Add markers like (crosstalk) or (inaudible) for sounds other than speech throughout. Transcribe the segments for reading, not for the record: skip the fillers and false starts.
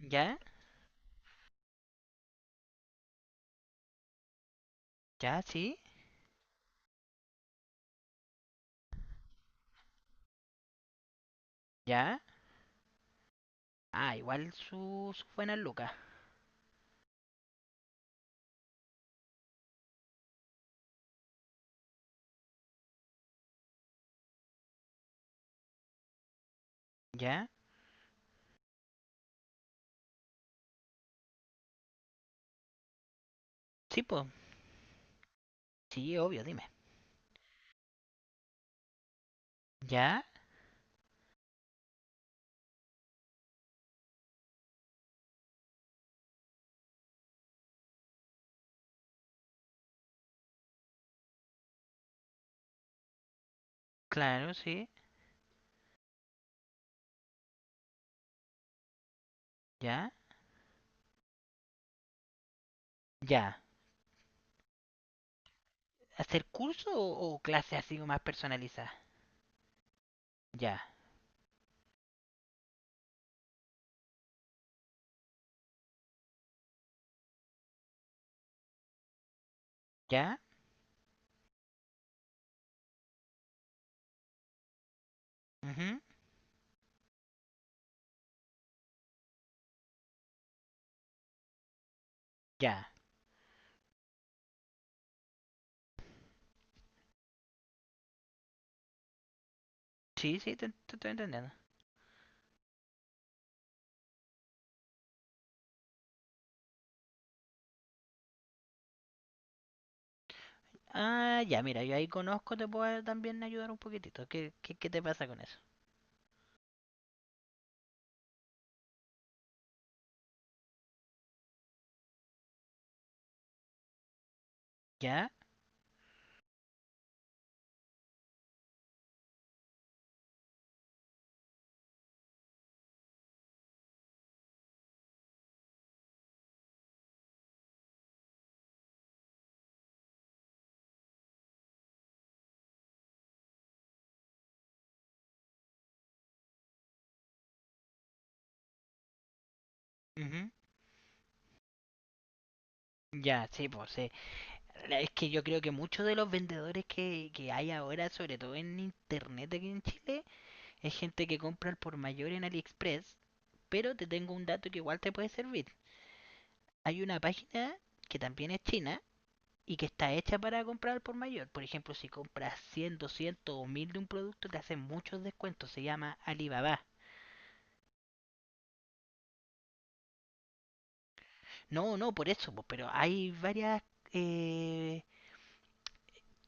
¿Ya? ¿Ya? ¿Sí? ¿Ya? Ah, igual su buena lucas. ¿Ya? Sí, pues. Sí, obvio, dime. ¿Ya? Claro, sí. ¿Ya? ¿Ya? ¿Hacer curso o clase así más personalizada? ¿Ya? ¿Ya? Ujú. ¿Ya? Sí, sí, te estoy entendiendo. Ah, ya, mira, yo ahí conozco, te puedo también ayudar un poquitito. ¿Qué te pasa con eso? ¿Ya? Ujú. Ya, sí, pues sí. Es que yo creo que muchos de los vendedores que hay ahora, sobre todo en internet aquí en Chile, es gente que compra al por mayor en AliExpress, pero te tengo un dato que igual te puede servir. Hay una página que también es china y que está hecha para comprar al por mayor. Por ejemplo, si compras 100, 200 o 1000 de un producto, te hacen muchos descuentos. Se llama Alibaba. No, no, por eso, pero hay varias. eh,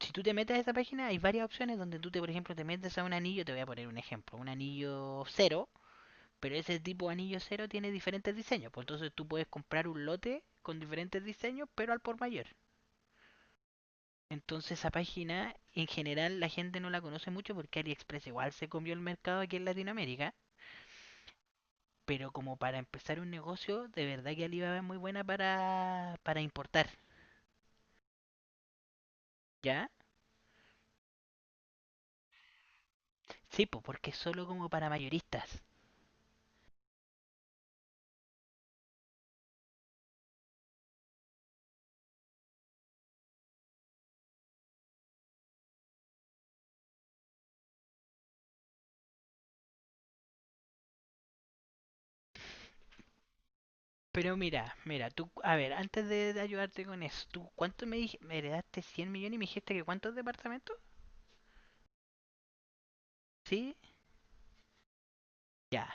si tú te metes a esa página, hay varias opciones donde tú, te, por ejemplo, te metes a un anillo, te voy a poner un ejemplo, un anillo cero. Pero ese tipo de anillo cero tiene diferentes diseños. Pues entonces tú puedes comprar un lote con diferentes diseños, pero al por mayor. Entonces esa página en general la gente no la conoce mucho porque AliExpress igual se comió el mercado aquí en Latinoamérica. Pero como para empezar un negocio, de verdad que Alibaba es muy buena para importar. ¿Ya? Sí, pues porque es solo como para mayoristas. Pero mira, mira, tú, a ver, antes de ayudarte con eso, ¿tú cuánto me heredaste 100 millones y me dijiste que cuántos departamentos? ¿Sí? Ya,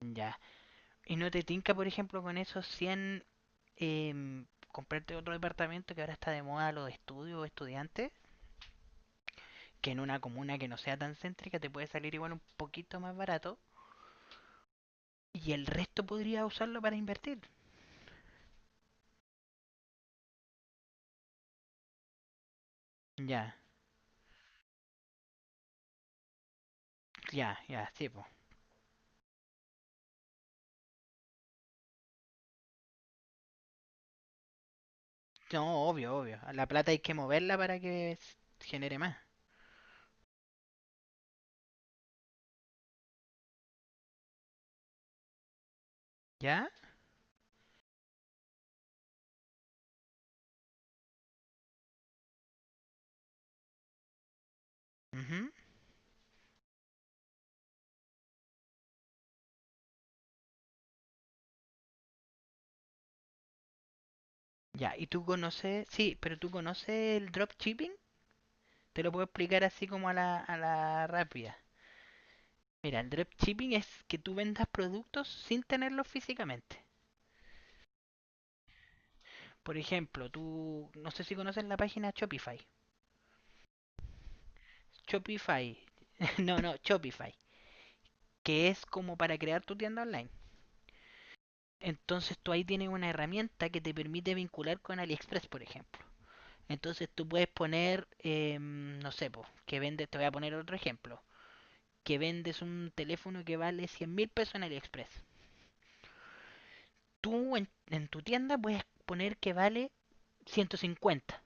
ya. ¿Y no te tinca, por ejemplo, con esos cien, comprarte otro departamento que ahora está de moda los estudios o estudiantes? Que en una comuna que no sea tan céntrica te puede salir igual un poquito más barato. Y el resto podría usarlo para invertir. Ya, ya, ya, sí, po. No, obvio, obvio. La plata hay que moverla para que genere más. ¿Ya? Ujú. Ya, ¿y tú conoces? Sí, pero ¿tú conoces el dropshipping? Te lo puedo explicar así como a la rápida. Mira, el dropshipping es que tú vendas productos sin tenerlos físicamente. Por ejemplo, tú, no sé si conoces la página Shopify. Shopify, (laughs) no, no, Shopify, que es como para crear tu tienda online. Entonces tú ahí tienes una herramienta que te permite vincular con AliExpress, por ejemplo. Entonces tú puedes poner, no sé, po, que vendes, te voy a poner otro ejemplo, que vendes un teléfono que vale 100.000 pesos en AliExpress. Tú en tu tienda puedes poner que vale 150.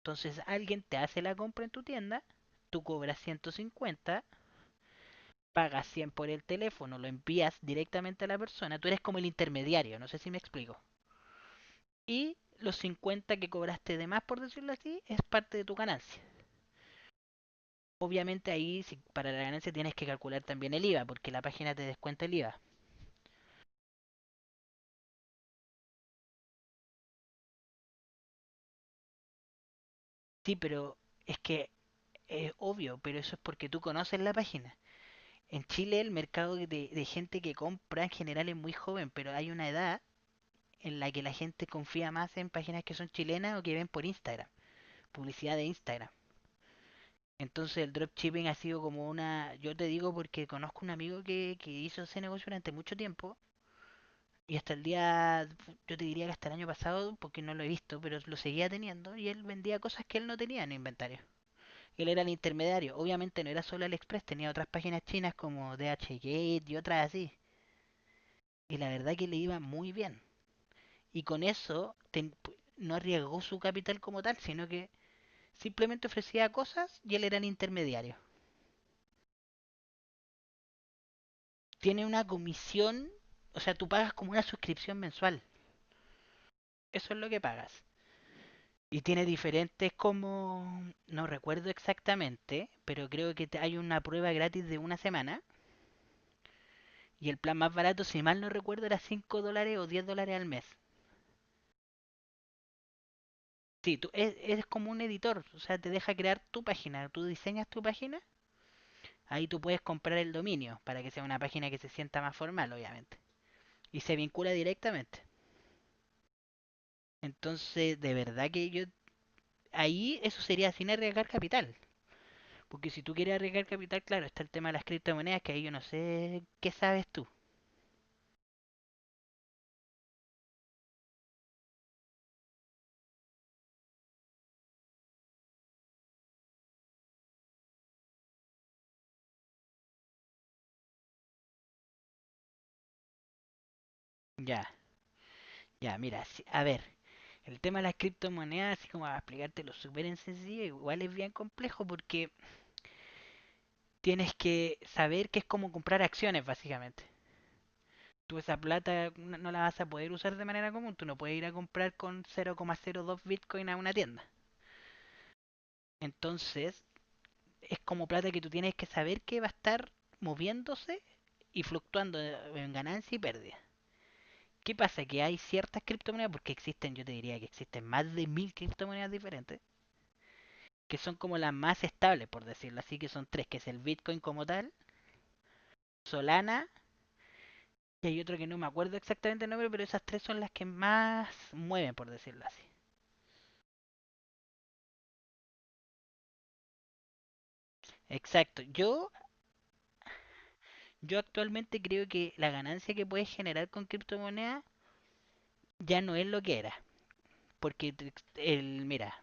Entonces alguien te hace la compra en tu tienda, tú cobras 150, pagas 100 por el teléfono, lo envías directamente a la persona, tú eres como el intermediario, no sé si me explico. Y los 50 que cobraste de más, por decirlo así, es parte de tu ganancia. Obviamente ahí, si para la ganancia tienes que calcular también el IVA, porque la página te descuenta el IVA. Sí, pero es que es obvio, pero eso es porque tú conoces la página. En Chile el mercado de gente que compra en general es muy joven, pero hay una edad en la que la gente confía más en páginas que son chilenas o que ven por Instagram, publicidad de Instagram. Entonces el dropshipping ha sido como una, yo te digo porque conozco un amigo que hizo ese negocio durante mucho tiempo y hasta el día, yo te diría que hasta el año pasado, porque no lo he visto, pero lo seguía teniendo y él vendía cosas que él no tenía en el inventario. Él era el intermediario, obviamente no era solo AliExpress, tenía otras páginas chinas como DHgate y otras así. Y la verdad que le iba muy bien. Y con eso no arriesgó su capital como tal, sino que simplemente ofrecía cosas y él era el intermediario. Tiene una comisión, o sea, tú pagas como una suscripción mensual. Eso es lo que pagas. Y tiene diferentes como, no recuerdo exactamente, pero creo que hay una prueba gratis de una semana. Y el plan más barato, si mal no recuerdo, era 5 dólares o 10 dólares al mes. Sí, tú eres como un editor, o sea, te deja crear tu página. Tú diseñas tu página, ahí tú puedes comprar el dominio para que sea una página que se sienta más formal, obviamente. Y se vincula directamente. Entonces, de verdad que yo ahí eso sería sin arriesgar capital, porque si tú quieres arriesgar capital, claro, está el tema de las criptomonedas que ahí yo no sé qué sabes tú. Ya, ya, mira, a ver, el tema de las criptomonedas, así como a explicártelo súper en sencillo, igual es bien complejo porque tienes que saber que es como comprar acciones, básicamente. Tú esa plata no, no la vas a poder usar de manera común, tú no puedes ir a comprar con 0,02 Bitcoin a una tienda. Entonces, es como plata que tú tienes que saber que va a estar moviéndose y fluctuando en ganancia y pérdida. ¿Qué pasa? Que hay ciertas criptomonedas, porque existen, yo te diría que existen más de 1000 criptomonedas diferentes, que son como las más estables, por decirlo así, que son tres, que es el Bitcoin como tal, Solana, y hay otro que no me acuerdo exactamente el nombre, pero esas tres son las que más mueven, por decirlo así. Exacto. Yo actualmente creo que la ganancia que puedes generar con criptomonedas ya no es lo que era. Porque mira,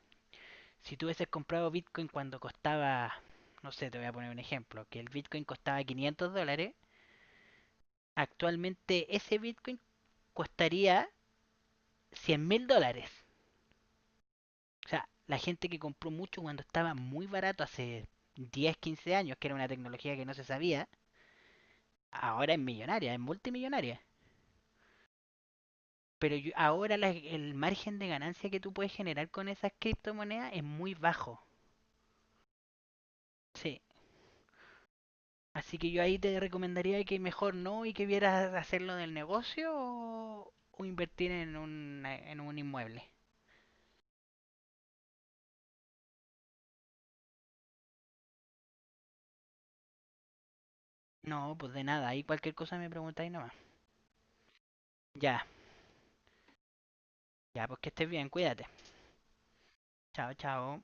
si tú hubieses comprado Bitcoin cuando costaba, no sé, te voy a poner un ejemplo, que el Bitcoin costaba 500 dólares, actualmente ese Bitcoin costaría 100 mil dólares. O sea, la gente que compró mucho cuando estaba muy barato hace 10, 15 años, que era una tecnología que no se sabía, ahora es millonaria, es multimillonaria. Pero ahora el margen de ganancia que tú puedes generar con esas criptomonedas es muy bajo. Sí, así que yo ahí te recomendaría que mejor no y que vieras hacerlo del negocio o invertir en un, inmueble. No, pues de nada, ahí cualquier cosa me preguntáis nomás. Ya, ya, pues que estés bien, cuídate. Chao, chao.